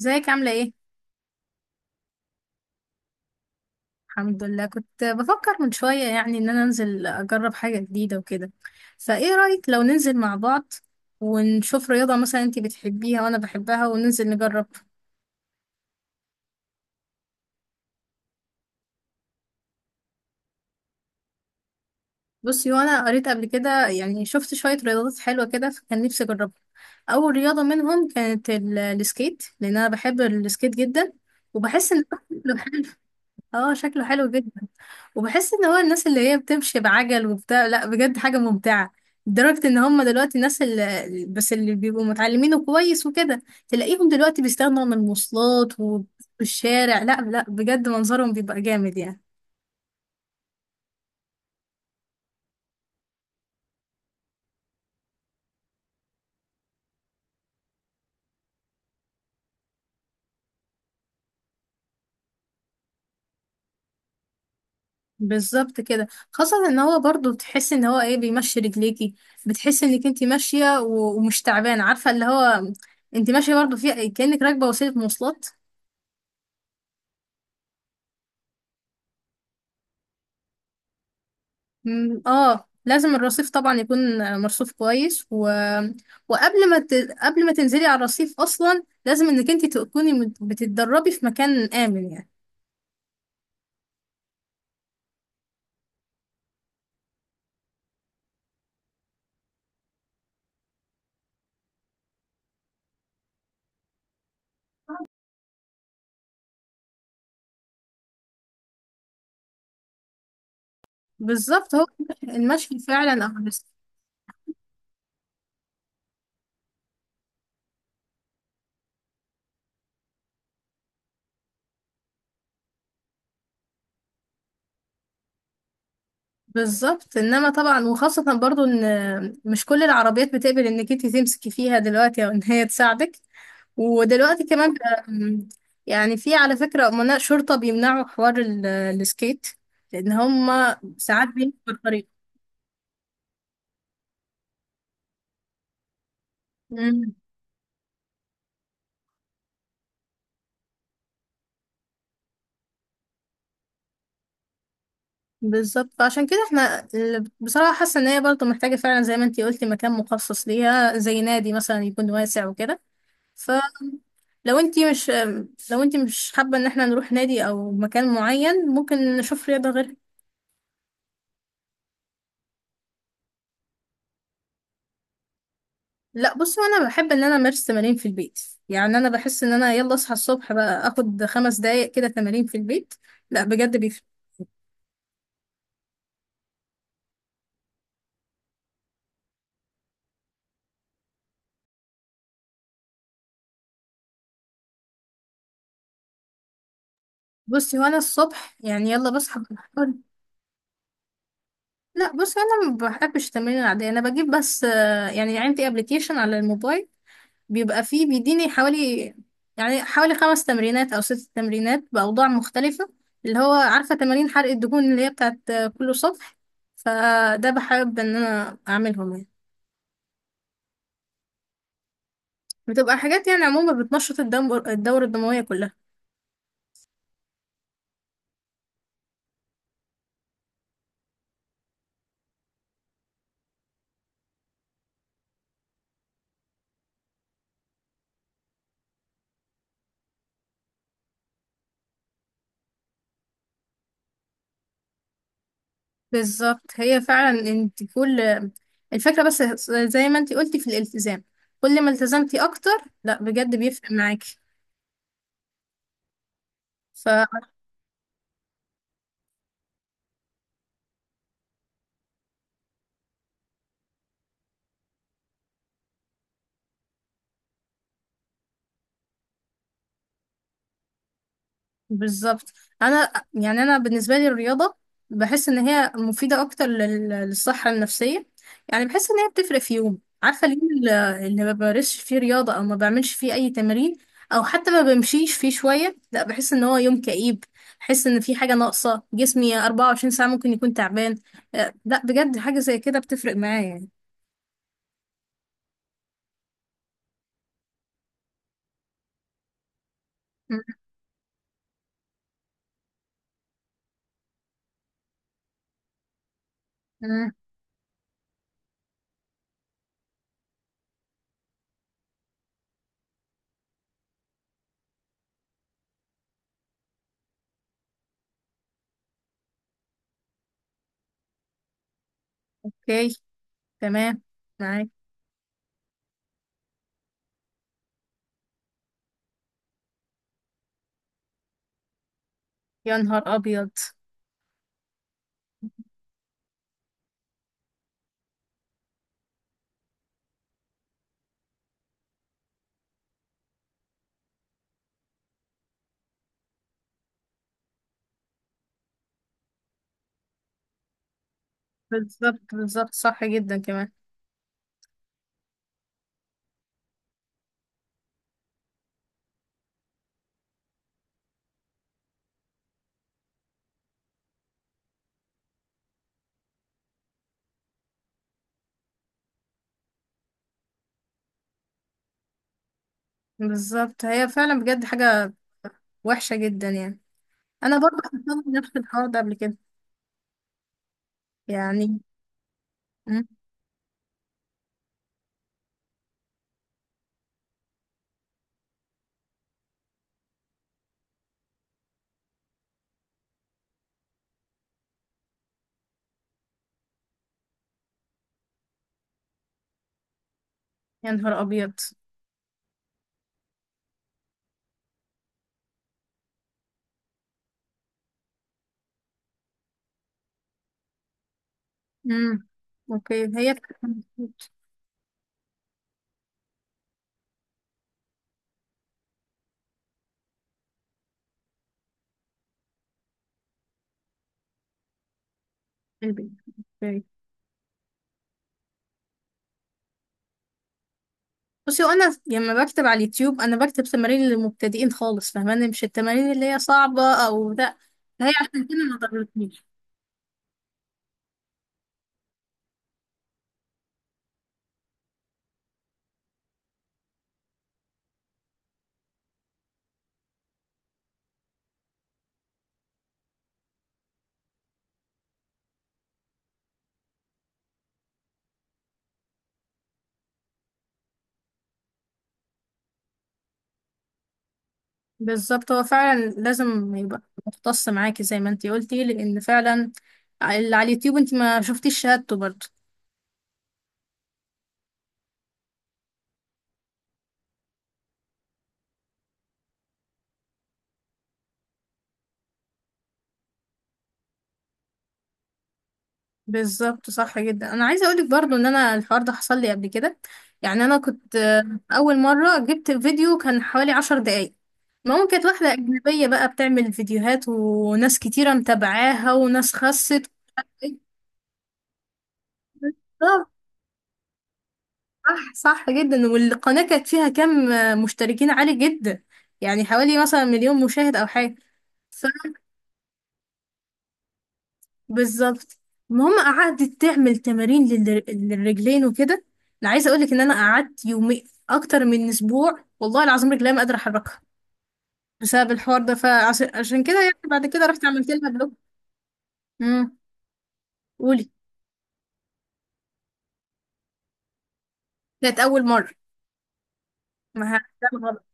ازيك؟ عاملة ايه؟ الحمد لله. كنت بفكر من شوية ان انا انزل اجرب حاجة جديدة وكده، فايه رأيك لو ننزل مع بعض ونشوف رياضة؟ مثلا انتي بتحبيها وانا بحبها، وننزل نجرب. بصي، وانا قريت قبل كده، شفت شوية رياضات حلوة كده فكان نفسي اجربها. اول رياضة منهم كانت السكيت، لان انا بحب السكيت جدا، وبحس ان اه شكله حلو جدا. وبحس ان هو الناس اللي هي بتمشي بعجل وبتاع، لا بجد حاجة ممتعة، لدرجة ان هم دلوقتي الناس اللي بيبقوا متعلمينه كويس وكده، تلاقيهم دلوقتي بيستغنوا عن المواصلات والشارع. لا، بجد منظرهم بيبقى جامد يعني. بالظبط كده. خاصة ان هو برضو بتحس ان هو ايه، بيمشي رجليكي. بتحس انك انت ماشية ومش تعبانة، عارفة اللي هو انت ماشية برضو في كأنك راكبة وسيلة مواصلات. مم، اه لازم الرصيف طبعا يكون مرصوف كويس وقبل ما ت... قبل ما تنزلي على الرصيف اصلا، لازم انك انت تكوني بتتدربي في مكان امن يعني. بالظبط. هو المشي فعلا أحسن. بالظبط، انما طبعا وخاصة برضو ان مش كل العربيات بتقبل انك انت تمسكي فيها دلوقتي او ان هي تساعدك. ودلوقتي كمان بقى، يعني في على فكرة امناء شرطة بيمنعوا حوار السكيت، لان هما ساعات بيمشوا في الطريق. بالظبط، فعشان كده احنا بصراحة حاسة ان هي برضه محتاجة فعلا زي ما انتي قلتي مكان مخصص ليها، زي نادي مثلا يكون واسع وكده. فلو انتي مش، لو انتي مش حابة ان احنا نروح نادي او مكان معين، ممكن نشوف رياضة غيرها. لا، بصوا انا بحب ان انا امارس تمارين في البيت. يعني انا بحس ان انا يلا اصحى الصبح بقى اخد خمس دقايق كده تمارين في البيت، لا بجد بيفرق. بصي وانا الصبح يعني يلا بصحى بحاول- لا بصي، انا ما بحبش التمارين العادية، انا بجيب بس يعني عندي ابلكيشن على الموبايل بيبقى فيه، بيديني حوالي، يعني حوالي خمس تمرينات أو ست تمرينات بأوضاع مختلفة، اللي هو عارفة تمارين حرق الدهون اللي هي بتاعت كل سطح. فده بحب إن أنا أعملهم يعني، بتبقى حاجات يعني عموما بتنشط الدم، الدورة الدموية كلها. بالظبط، هي فعلا انت كل الفكرة بس زي ما انت قلتي في الالتزام، كل ما التزمتي أكتر لا بجد بيفرق معاكي. بالظبط. انا يعني انا بالنسبه لي الرياضه، بحس ان هي مفيده اكتر للصحه النفسيه. يعني بحس ان هي بتفرق في يوم، عارفه اليوم اللي ما بمارسش فيه رياضه او ما بعملش فيه اي تمارين او حتى ما بمشيش فيه شويه، لا بحس ان هو يوم كئيب. بحس ان في حاجه ناقصه، جسمي 24 ساعه ممكن يكون تعبان. لا بجد حاجه زي كده بتفرق معايا يعني. م- م- اوكي، تمام، معاك. يا نهار ابيض! بالظبط، بالظبط، صح جدا كمان. بالظبط، هي فعلا بجد حاجة وحشة جدا يعني. انا برضه حصلت نفس الحوار ده قبل كده يعني. مم. يا نهار ابيض. امم. اوكي. هي البيت. اوكي. بصي، وانا لما بكتب على اليوتيوب انا بكتب تمارين للمبتدئين خالص، فاهماني، مش التمارين اللي هي صعبة او ده. هي عشان كده ما ضربتنيش. بالظبط، هو فعلا لازم يبقى مختص معاكي زي ما انتي قلتي، لان فعلا اللي على اليوتيوب انتي ما شفتيش شهادته برضه. بالظبط، صح جدا. انا عايزه اقولك برضو ان انا الحوار ده حصل لي قبل كده يعني. انا كنت اول مره جبت فيديو كان حوالي عشر دقايق. المهم كانت واحده اجنبيه بقى بتعمل فيديوهات وناس كتيره متابعاها وناس خست. بالظبط، صح، صح جدا. والقناه كانت فيها كم مشتركين عالي جدا، يعني حوالي مثلا مليون مشاهد او حاجه. ف، بالظبط. المهم قعدت تعمل تمارين للرجلين وكده. انا عايزه اقولك ان انا قعدت يومي اكتر من اسبوع والله العظيم رجلي ما قادره احركها بسبب الحوار ده، فعشان كده يعني بعد كده رحت عملت لها بلوك. امم. قولي. كانت اول مره. ما ه- ده غلط.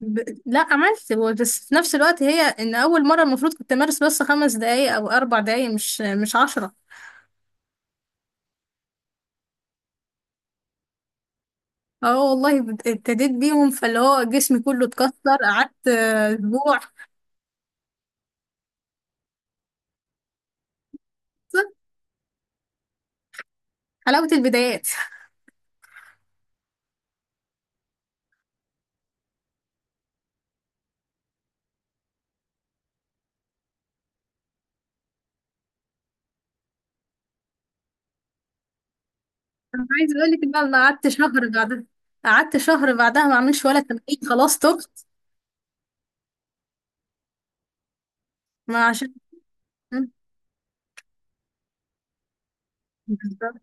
ب... لا، عملت، هو بس في نفس الوقت هي ان اول مره المفروض كنت امارس بس خمس دقايق او اربع دقايق، مش عشرة. اه والله، ابتديت بيهم، فاللي هو جسمي كله اتكسر. قعدت اسبوع. حلاوه البدايات. انا عايزه اقول لك بقى، انا قعدت شهر بعدها، قعدت شهر بعدها ما اعملش ولا تمرين، خلاص تبت. ما عشان. بالظبط،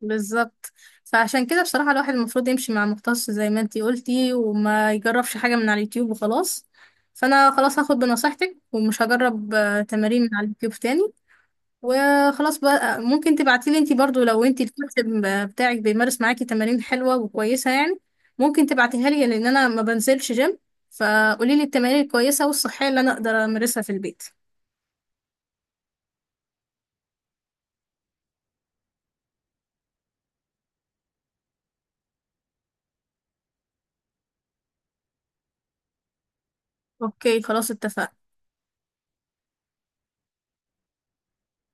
بالظبط. فعشان كده بصراحه الواحد المفروض يمشي مع مختص زي ما انتي قلتي، وما يجربش حاجه من على اليوتيوب وخلاص. فانا خلاص هاخد بنصيحتك ومش هجرب تمارين من على اليوتيوب تاني. وخلاص بقى، ممكن تبعتيلي انتي برضو لو انتي الكوتش بتاعك بيمارس معاكي تمارين حلوة وكويسة يعني، ممكن تبعتيها لي لان انا ما بنزلش جيم، فقولي لي التمارين الكويسة والصحية اللي انا اقدر امارسها في البيت. اوكي، خلاص اتفقنا.